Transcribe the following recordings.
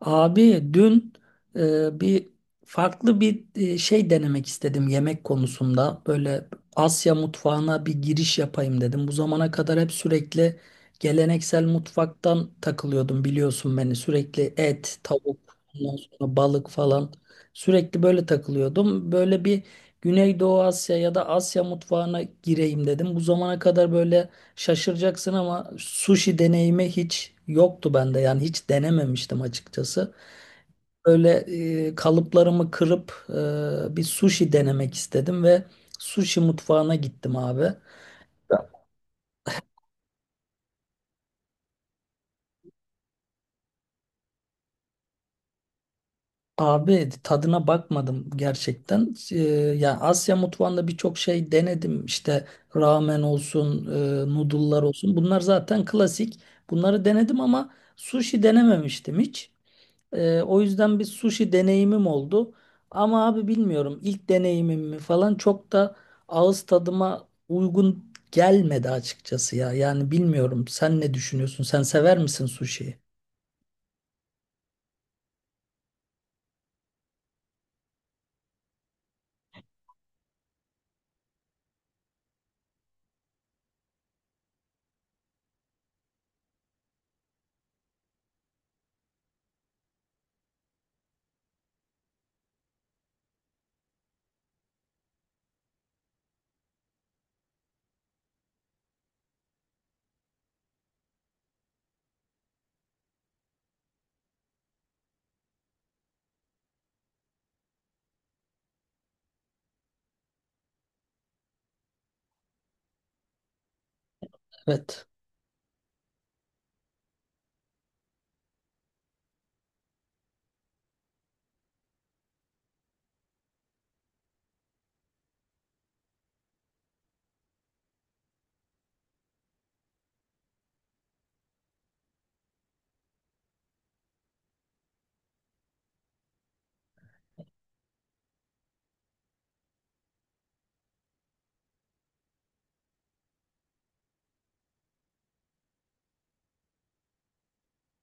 Abi dün e, bir farklı bir şey denemek istedim yemek konusunda. Böyle Asya mutfağına bir giriş yapayım dedim. Bu zamana kadar hep sürekli geleneksel mutfaktan takılıyordum, biliyorsun beni. Sürekli et, tavuk, ondan sonra balık falan, sürekli böyle takılıyordum. Böyle bir Güneydoğu Asya ya da Asya mutfağına gireyim dedim. Bu zamana kadar böyle şaşıracaksın ama sushi deneyimi hiç yoktu bende. Yani hiç denememiştim açıkçası. Böyle kalıplarımı kırıp bir sushi denemek istedim ve sushi mutfağına gittim abi. Abi tadına bakmadım gerçekten. Ya Asya mutfağında birçok şey denedim. İşte ramen olsun, noodle'lar olsun. Bunlar zaten klasik. Bunları denedim ama sushi denememiştim hiç. O yüzden bir sushi deneyimim oldu. Ama abi bilmiyorum, ilk deneyimim mi falan, çok da ağız tadıma uygun gelmedi açıkçası ya. Yani bilmiyorum, sen ne düşünüyorsun? Sen sever misin sushi'yi? Evet.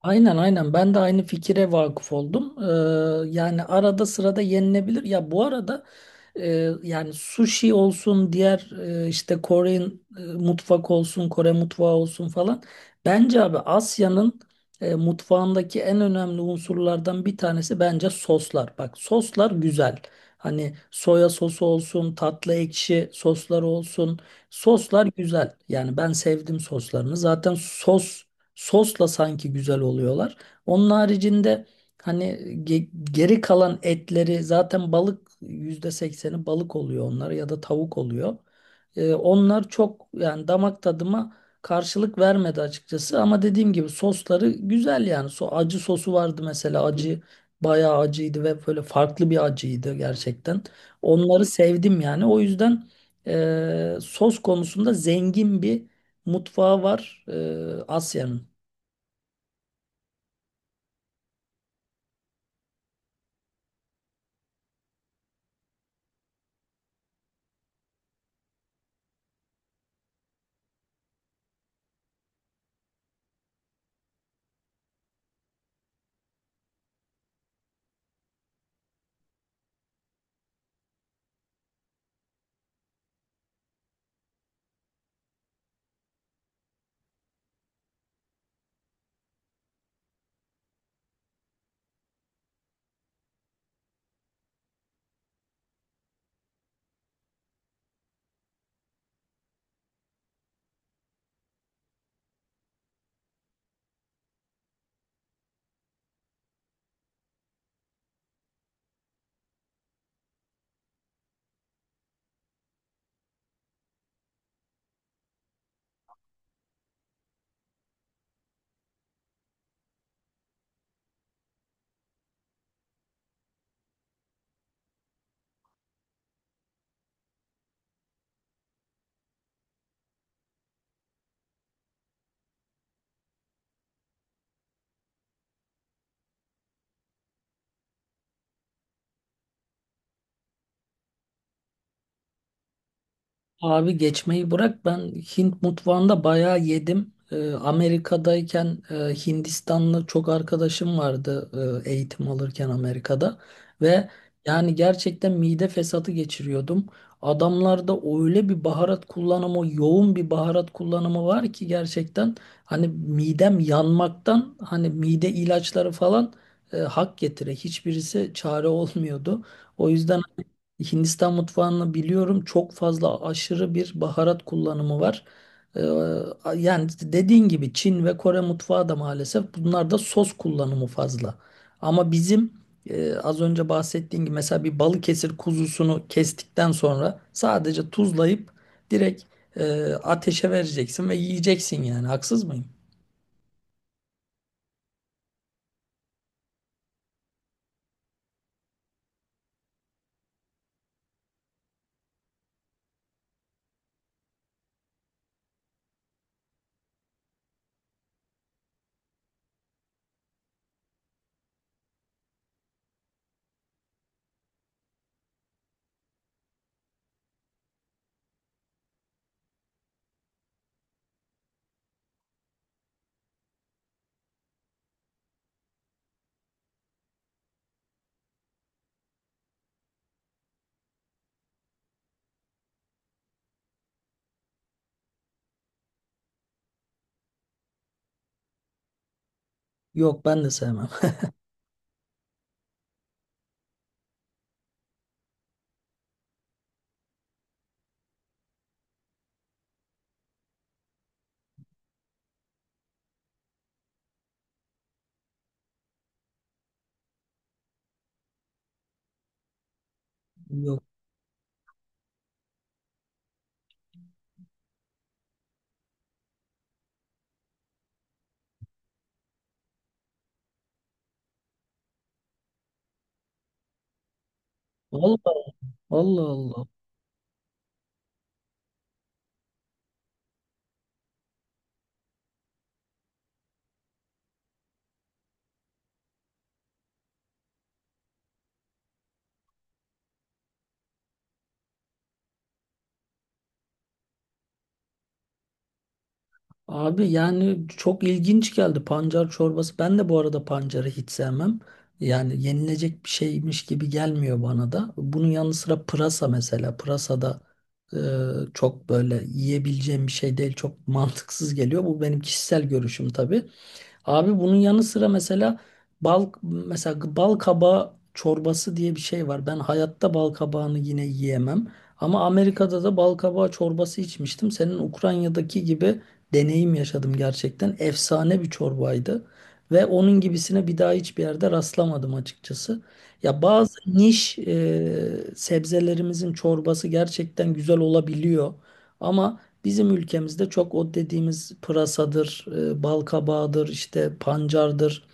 Aynen, aynen, ben de aynı fikire vakıf oldum. Yani arada sırada yenilebilir. Ya bu arada yani sushi olsun, diğer işte Kore mutfak olsun Kore mutfağı olsun falan. Bence abi Asya'nın mutfağındaki en önemli unsurlardan bir tanesi bence soslar. Bak soslar güzel. Hani soya sosu olsun, tatlı ekşi sosları olsun. Soslar güzel. Yani ben sevdim soslarını. Zaten sosla sanki güzel oluyorlar. Onun haricinde hani geri kalan etleri, zaten balık, %80'i balık oluyor onlar ya da tavuk oluyor. Onlar çok yani damak tadıma karşılık vermedi açıkçası, ama dediğim gibi sosları güzel yani. So acı sosu vardı mesela, acı bayağı acıydı ve böyle farklı bir acıydı gerçekten. Onları sevdim yani. O yüzden sos konusunda zengin bir mutfağı var Asya'nın. Abi geçmeyi bırak, ben Hint mutfağında bayağı yedim. Amerika'dayken Hindistanlı çok arkadaşım vardı eğitim alırken Amerika'da, ve yani gerçekten mide fesatı geçiriyordum. Adamlarda öyle bir baharat kullanımı, yoğun bir baharat kullanımı var ki gerçekten, hani midem yanmaktan, hani mide ilaçları falan hak getire, hiçbirisi çare olmuyordu. O yüzden Hindistan mutfağını biliyorum. Çok fazla, aşırı bir baharat kullanımı var. Ee, Yani dediğin gibi Çin ve Kore mutfağı da, maalesef bunlarda sos kullanımı fazla. Ama bizim az önce bahsettiğim gibi mesela bir Balıkesir kuzusunu kestikten sonra sadece tuzlayıp direkt ateşe vereceksin ve yiyeceksin yani. Haksız mıyım? Yok, ben de sevmem. Yok. Allah Allah Allah. Abi yani çok ilginç geldi pancar çorbası. Ben de bu arada pancarı hiç sevmem. Yani yenilecek bir şeymiş gibi gelmiyor bana da. Bunun yanı sıra pırasa mesela. Pırasa da çok böyle yiyebileceğim bir şey değil. Çok mantıksız geliyor. Bu benim kişisel görüşüm tabii. Abi bunun yanı sıra mesela bal kabağı çorbası diye bir şey var. Ben hayatta bal kabağını yine yiyemem. Ama Amerika'da da bal kabağı çorbası içmiştim. Senin Ukrayna'daki gibi deneyim yaşadım gerçekten. Efsane bir çorbaydı. Ve onun gibisine bir daha hiçbir yerde rastlamadım açıkçası. Ya bazı niş sebzelerimizin çorbası gerçekten güzel olabiliyor. Ama bizim ülkemizde çok o dediğimiz pırasadır, balkabağıdır, işte pancardır.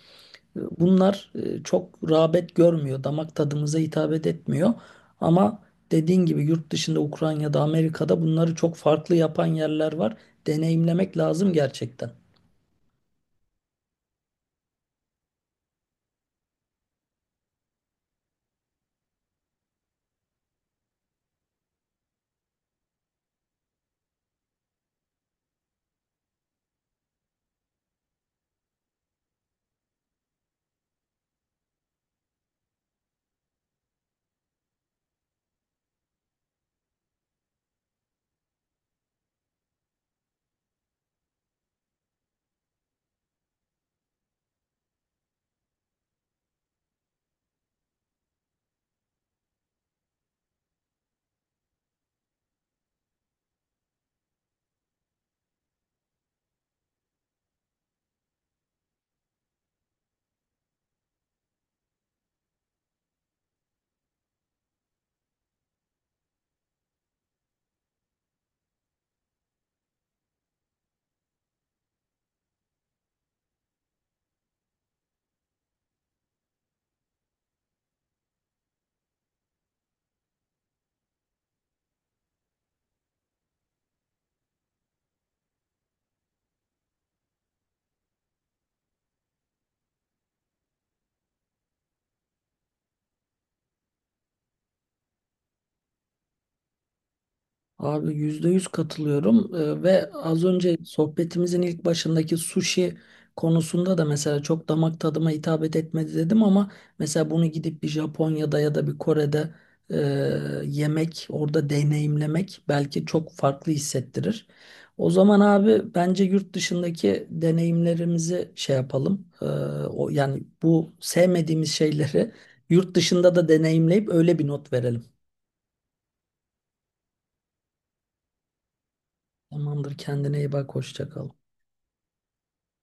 Bunlar çok rağbet görmüyor, damak tadımıza hitap etmiyor. Ama dediğin gibi yurt dışında, Ukrayna'da, Amerika'da bunları çok farklı yapan yerler var. Deneyimlemek lazım gerçekten. Abi %100 katılıyorum. Ve az önce sohbetimizin ilk başındaki sushi konusunda da mesela çok damak tadıma hitap etmedi dedim, ama mesela bunu gidip bir Japonya'da ya da bir Kore'de e, yemek, orada deneyimlemek belki çok farklı hissettirir. O zaman abi bence yurt dışındaki deneyimlerimizi şey yapalım. O yani bu sevmediğimiz şeyleri yurt dışında da deneyimleyip öyle bir not verelim. Tamamdır, kendine iyi bak, hoşça kal.